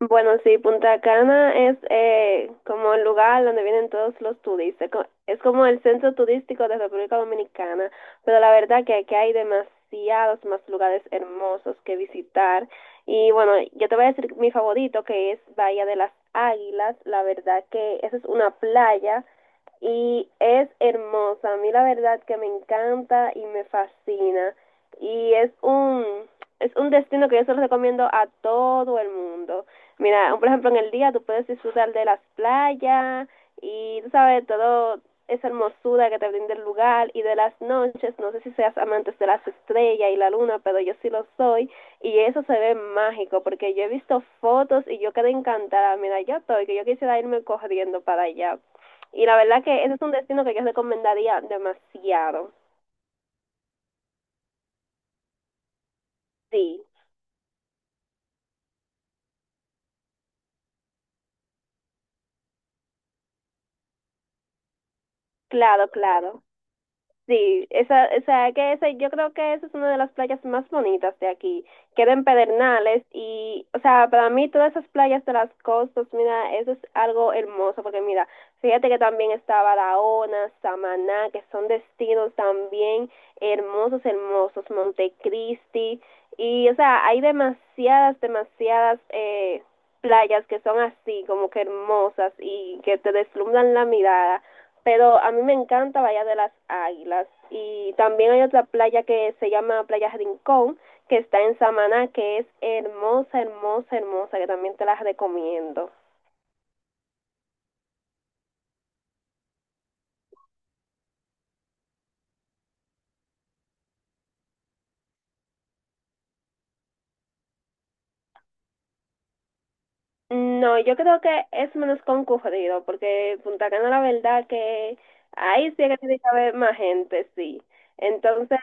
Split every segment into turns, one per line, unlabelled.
Bueno, sí, Punta Cana es como el lugar donde vienen todos los turistas. Es como el centro turístico de República Dominicana, pero la verdad que aquí hay demasiados más lugares hermosos que visitar. Y bueno, yo te voy a decir mi favorito, que es Bahía de las Águilas. La verdad que esa es una playa y es hermosa. A mí la verdad que me encanta y me fascina. Y es un, es un destino que yo se lo recomiendo a todo el mundo. Mira, por ejemplo, en el día tú puedes disfrutar de las playas y, tú sabes, todo esa hermosura que te brinda el lugar y de las noches, no sé si seas amantes de las estrellas y la luna, pero yo sí lo soy y eso se ve mágico porque yo he visto fotos y yo quedé encantada, mira, yo estoy, que yo quisiera irme corriendo para allá. Y la verdad que ese es un destino que yo recomendaría demasiado. Sí, claro, claro. Sí, esa, o sea, que esa, yo creo que esa es una de las playas más bonitas de aquí. Queda en Pedernales y, o sea, para mí todas esas playas de las costas, mira, eso es algo hermoso porque mira, fíjate que también está Barahona, Samaná, que son destinos también hermosos, hermosos, Montecristi y, o sea, hay demasiadas playas que son así, como que hermosas y que te deslumbran la mirada pero a mí me encanta Bahía de las Águilas y también hay otra playa que se llama Playa Rincón que está en Samaná que es hermosa, hermosa, hermosa que también te las recomiendo. No, yo creo que es menos concurrido porque Punta Cana la verdad que ahí sí que tiene que haber más gente, sí. Entonces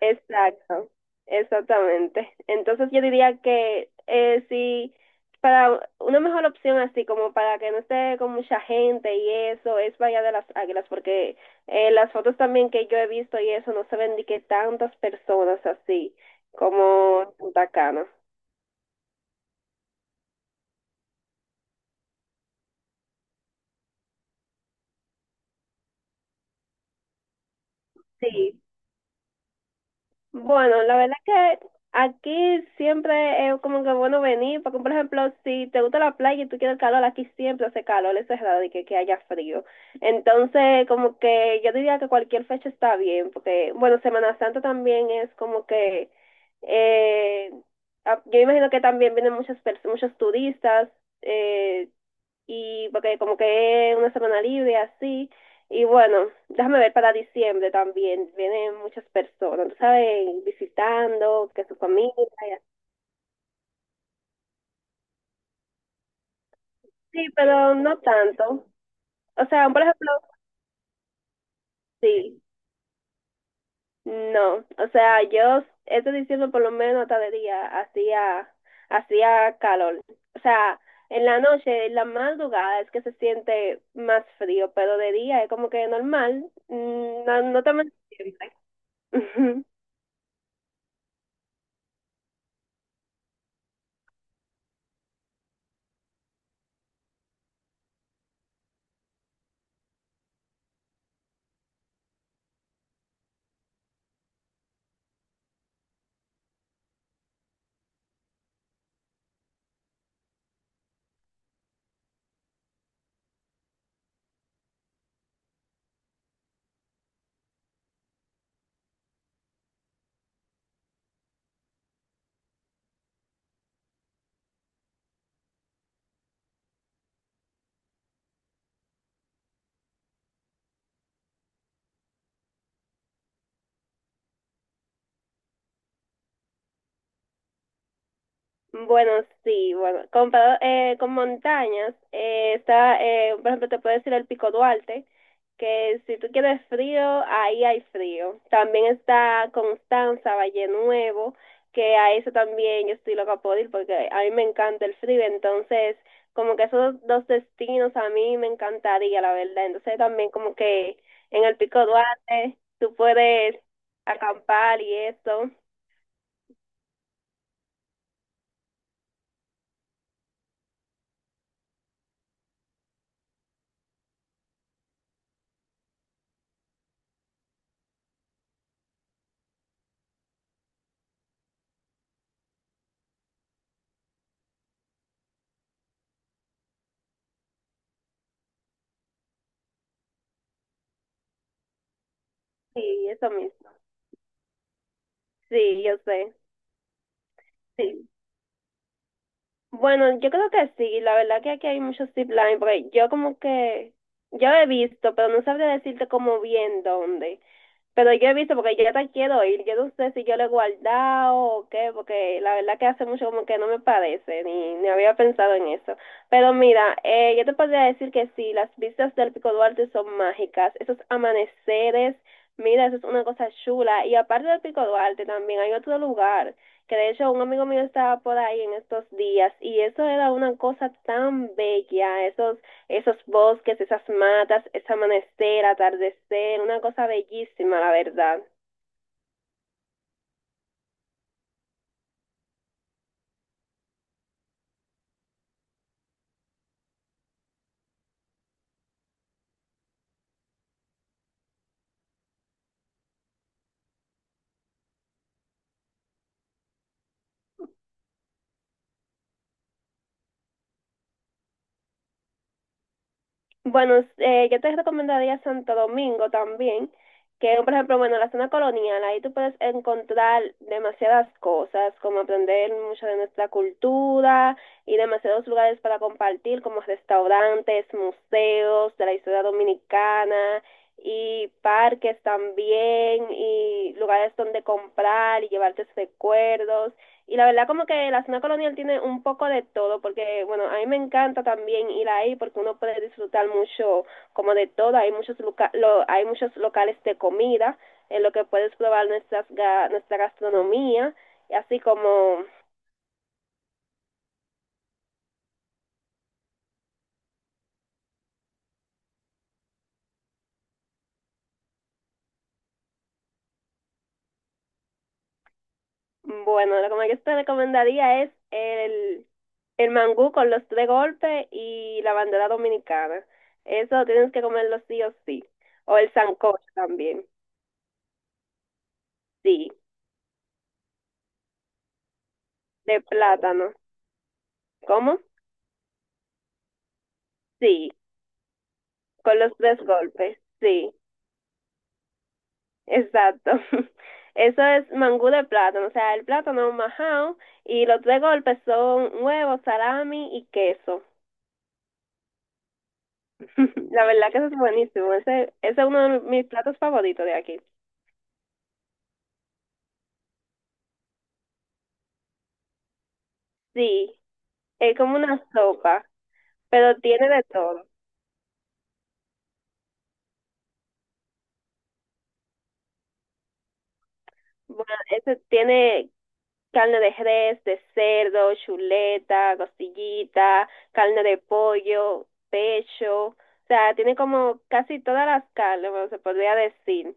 exacto, exactamente. Entonces yo diría que sí, para una mejor opción así como para que no esté con mucha gente y eso es Bahía de las Águilas porque las fotos también que yo he visto y eso no se ven ni que tantas personas así como en Punta Cana. Sí. Bueno, la verdad es que aquí siempre es como que bueno venir, porque por ejemplo, si te gusta la playa y tú quieres calor, aquí siempre hace calor, es cerrado y que haya frío. Entonces, como que yo diría que cualquier fecha está bien, porque bueno, Semana Santa también es como que, eh, yo imagino que también vienen muchos turistas, eh, y porque como que es una semana libre así. Y bueno, déjame ver para diciembre también. Vienen muchas personas, tú sabes, visitando, que su familia y así. Sí, pero no tanto. O sea, por ejemplo, sí, no. O sea, yo este diciembre por lo menos hasta de día hacía calor. O sea, en la noche, en la madrugada es que se siente más frío, pero de día es como que normal. Mm, no, no tan siempre. Bueno, sí, bueno, comparado con montañas, por ejemplo, te puedo decir el Pico Duarte, que si tú quieres frío, ahí hay frío. También está Constanza, Valle Nuevo, que a eso también yo estoy loca por ir porque a mí me encanta el frío, entonces como que esos dos destinos a mí me encantaría, la verdad. Entonces también como que en el Pico Duarte tú puedes acampar y eso, sí, eso mismo, sí, yo sé. Sí. Bueno, yo creo que sí, la verdad que aquí hay muchos zip line, porque yo como que, yo he visto, pero no sabría decirte como bien dónde. Pero yo he visto, porque yo ya te quiero ir, yo no sé si yo lo he guardado o qué, porque la verdad que hace mucho como que no me parece, ni había pensado en eso. Pero mira, yo te podría decir que sí, las vistas del Pico Duarte son mágicas, esos amaneceres, mira, eso es una cosa chula. Y aparte del Pico Duarte también hay otro lugar, que de hecho un amigo mío estaba por ahí en estos días, y eso era una cosa tan bella, esos bosques, esas matas, ese amanecer, atardecer, una cosa bellísima, la verdad. Bueno, yo te recomendaría Santo Domingo también, que por ejemplo, bueno, la zona colonial, ahí tú puedes encontrar demasiadas cosas, como aprender mucho de nuestra cultura y demasiados lugares para compartir, como restaurantes, museos de la historia dominicana y parques también y lugares donde comprar y llevarte recuerdos. Y la verdad como que la zona colonial tiene un poco de todo, porque bueno, a mí me encanta también ir ahí porque uno puede disfrutar mucho como de todo, hay muchos, hay muchos locales de comida en lo que puedes probar nuestra gastronomía, y así como, bueno, lo que yo te recomendaría es el mangú con los tres golpes y la bandera dominicana. Eso tienes que comerlo sí o sí. O el sancocho también, sí, de plátano. ¿Cómo? Sí. Con los tres golpes, sí, exacto. Eso es mangú de plátano, o sea, el plátano majado y los tres golpes son huevo, salami y queso. La verdad que eso es buenísimo, ese es uno de mis platos favoritos de aquí. Sí, es como una sopa, pero tiene de todo. Bueno, ese tiene carne de res, de cerdo, chuleta, costillita, carne de pollo, pecho, o sea, tiene como casi todas las carnes, bueno, se podría decir.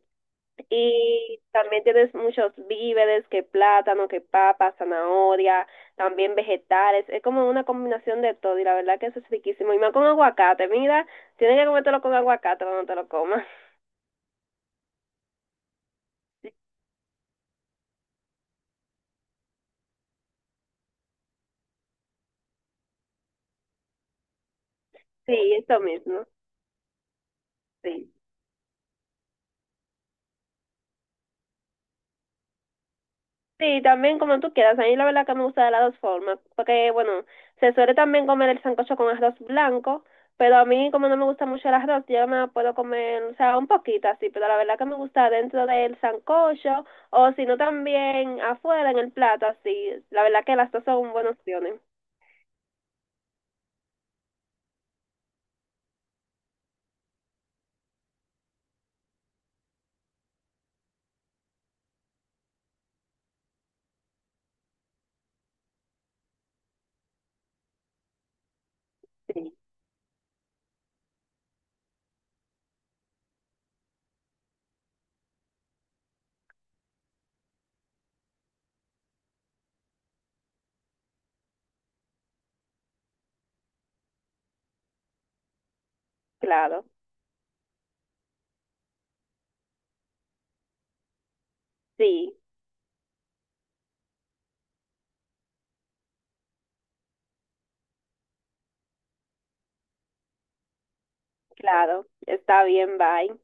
Y también tienes muchos víveres, que plátano, que papa, zanahoria, también vegetales, es como una combinación de todo y la verdad que eso es riquísimo. Y más con aguacate, mira, tienes que comértelo con aguacate cuando te lo comas. Sí, eso mismo, sí. Sí, también como tú quieras. A mí la verdad que me gusta de las dos formas. Porque, bueno, se suele también comer el sancocho con arroz blanco. Pero a mí, como no me gusta mucho el arroz, yo me puedo comer, o sea, un poquito así. Pero la verdad que me gusta dentro del sancocho. O si no, también afuera en el plato, así. La verdad que las dos son buenas opciones. Sí, claro. Sí, claro. Está bien, bye.